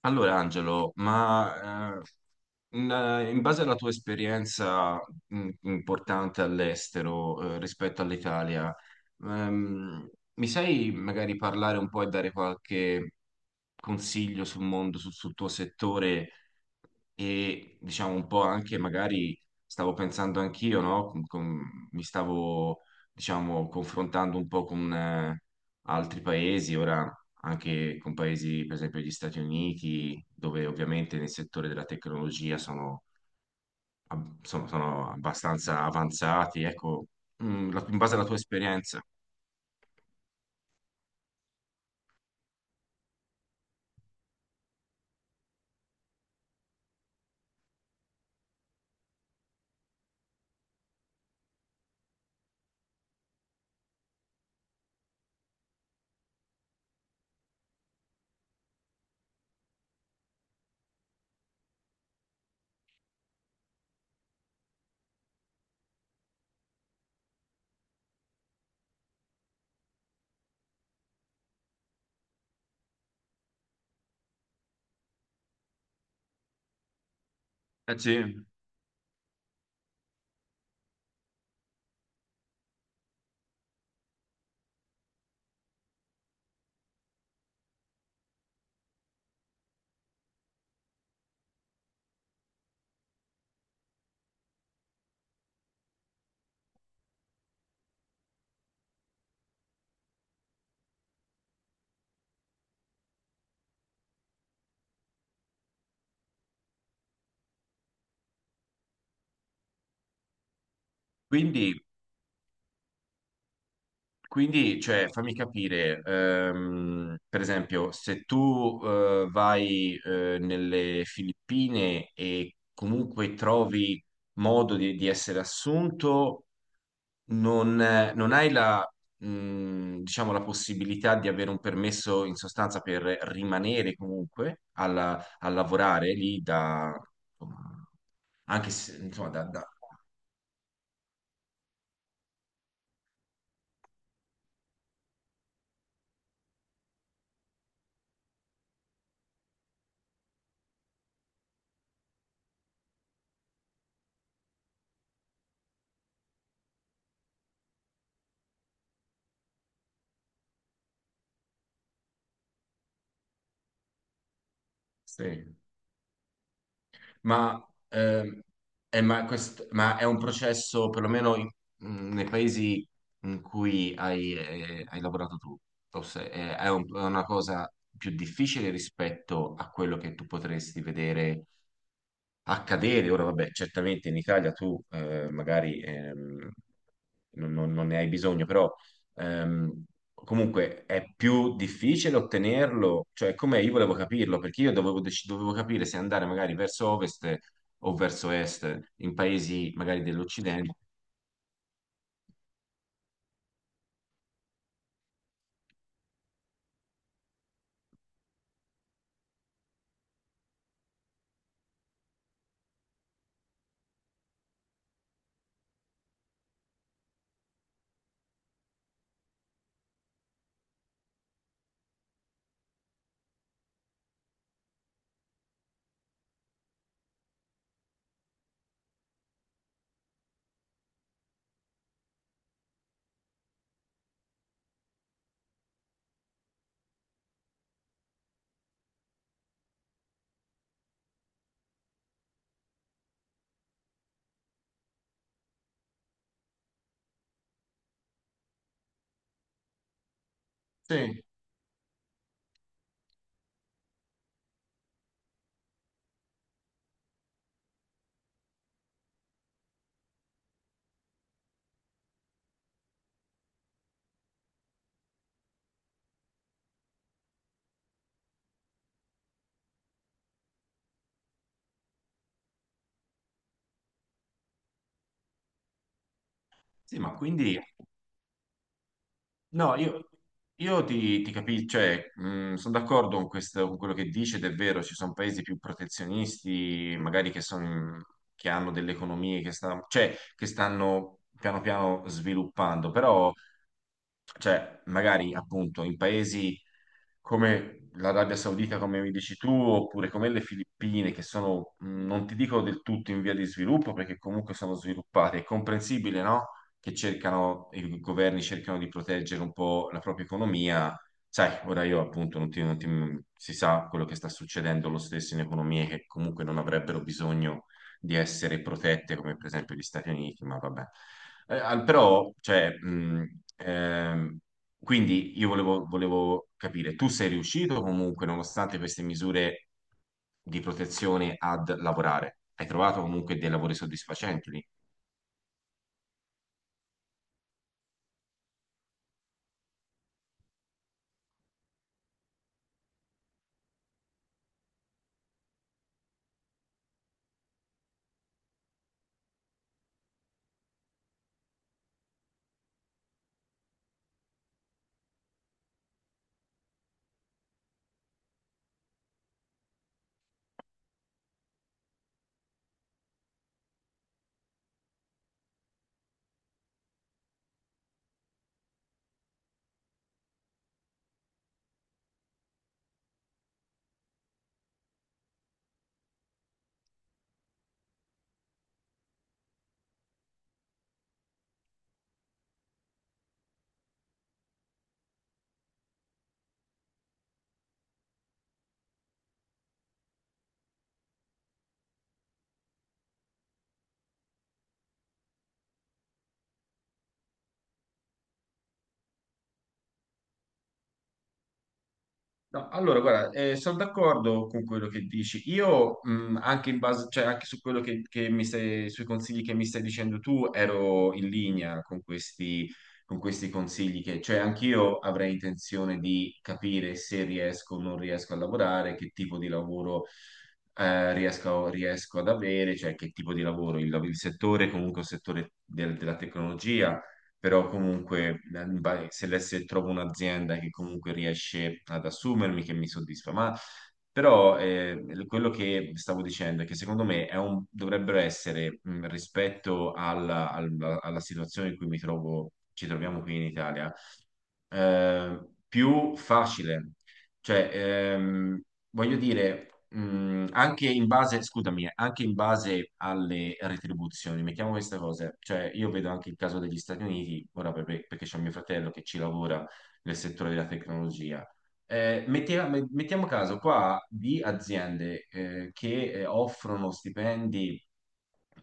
Allora, Angelo, in, in base alla tua esperienza importante all'estero rispetto all'Italia, ehm, mi sai magari parlare un po' e dare qualche consiglio sul mondo, sul tuo settore e diciamo un po' anche magari stavo pensando anch'io, no? Mi stavo diciamo confrontando un po' con altri paesi, ora anche con paesi, per esempio gli Stati Uniti, dove ovviamente nel settore della tecnologia sono, sono abbastanza avanzati, ecco, in base alla tua esperienza. Eh sì. Quindi. Quindi, fammi capire, per esempio, se tu vai nelle Filippine e comunque trovi modo di essere assunto, non hai la, diciamo, la possibilità di avere un permesso in sostanza per rimanere comunque a lavorare lì da, insomma, anche se, insomma, da. Sì. Ma, ehm, ma ma è un processo, perlomeno nei paesi in cui hai, hai lavorato tu, o se- è, è una cosa più difficile rispetto a quello che tu potresti vedere accadere. Ora, vabbè, certamente in Italia tu magari non ne hai bisogno, però ehm, comunque è più difficile ottenerlo. Cioè, com'è? Io volevo capirlo perché io dovevo, dovevo capire se andare magari verso ovest o verso est, in paesi magari dell'Occidente. Sì, sì, ma quindi. No, io ti capisco, cioè, sono d'accordo con con quello che dici, ed è vero, ci sono paesi più protezionisti, che hanno delle economie che, cioè, che stanno piano piano sviluppando, però cioè magari appunto in paesi come l'Arabia Saudita, come mi dici tu, oppure come le Filippine, che sono, non ti dico del tutto in via di sviluppo, perché comunque sono sviluppate, è comprensibile, no? Che cercano, i governi cercano di proteggere un po' la propria economia. Sai, ora io appunto non ti. Si sa quello che sta succedendo lo stesso in economie che comunque non avrebbero bisogno di essere protette come per esempio gli Stati Uniti, ma vabbè. Eh, al- però, cioè, mh, ehm, quindi io volevo, volevo capire, tu sei riuscito comunque, nonostante queste misure di protezione, ad lavorare? Hai trovato comunque dei lavori soddisfacenti lì? No, allora, guarda, sono d'accordo con quello che dici. Io, anche in base, cioè, anche su quello che mi stai, sui consigli che mi stai dicendo tu, ero in linea con questi consigli che, cioè, anch'io avrei intenzione di capire se riesco o non riesco a lavorare, che tipo di lavoro, riesco ad avere, cioè, che tipo di lavoro, il settore, comunque, il settore della tecnologia però comunque se, se trovo un'azienda che comunque riesce ad assumermi, che mi soddisfa, ma però quello che stavo dicendo è che secondo me è dovrebbero essere rispetto alla situazione in cui mi trovo, ci troviamo qui in Italia, eh, più facile. Cioè, voglio dire, anche in base, scusami, anche in base alle retribuzioni, mettiamo queste cose, cioè io vedo anche il caso degli Stati Uniti, ora perché c'è mio fratello che ci lavora nel settore della tecnologia. Mettiamo caso qua di aziende che offrono stipendi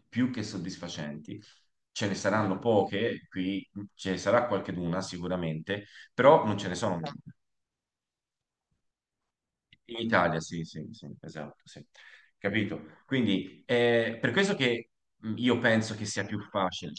più che soddisfacenti. Ce ne saranno poche, qui ce ne sarà qualcheduna sicuramente, però non ce ne sono. In Italia, sì, sì, sì, esatto, sì. Capito? Quindi, per questo che io penso che sia più facile.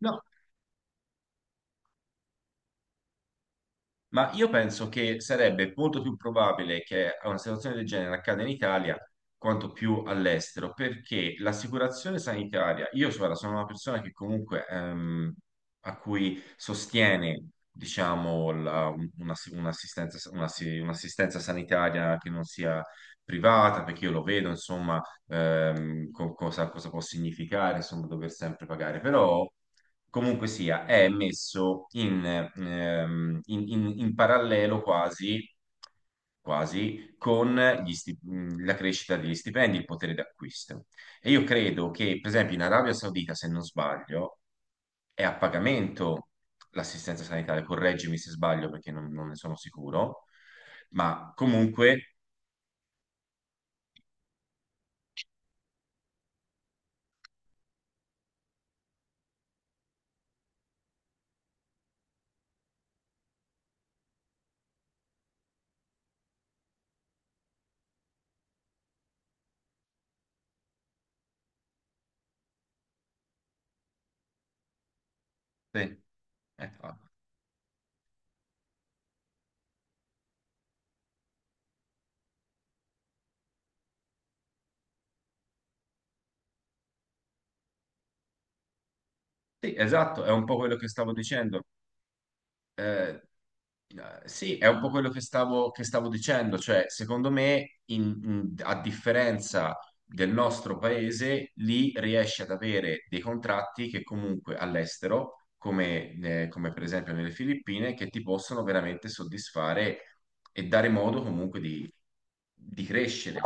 No, ma io penso che sarebbe molto più probabile che una situazione del genere accada in Italia quanto più all'estero, perché l'assicurazione sanitaria, io guarda, sono una persona che comunque a cui sostiene, diciamo, un'assistenza sanitaria che non sia privata, perché io lo vedo, insomma, cosa può significare, insomma, dover sempre pagare. Però comunque sia, è messo in, in parallelo quasi, quasi con la crescita degli stipendi, il potere d'acquisto. E io credo che, per esempio, in Arabia Saudita, se non sbaglio, è a pagamento l'assistenza sanitaria, correggimi se sbaglio perché non ne sono sicuro, ma comunque... Sì, ecco. Sì, esatto, è un po' quello che stavo dicendo. Eh, eh, sì, è un po' quello che stavo dicendo, cioè secondo me, a differenza del nostro paese, lì riesce ad avere dei contratti che comunque all'estero, come, come per esempio nelle Filippine, che ti possono veramente soddisfare e dare modo comunque di crescere.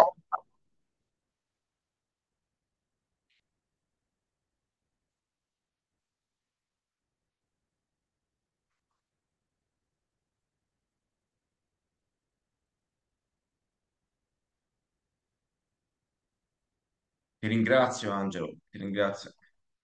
Ti ringrazio, Angelo, ti ringrazio.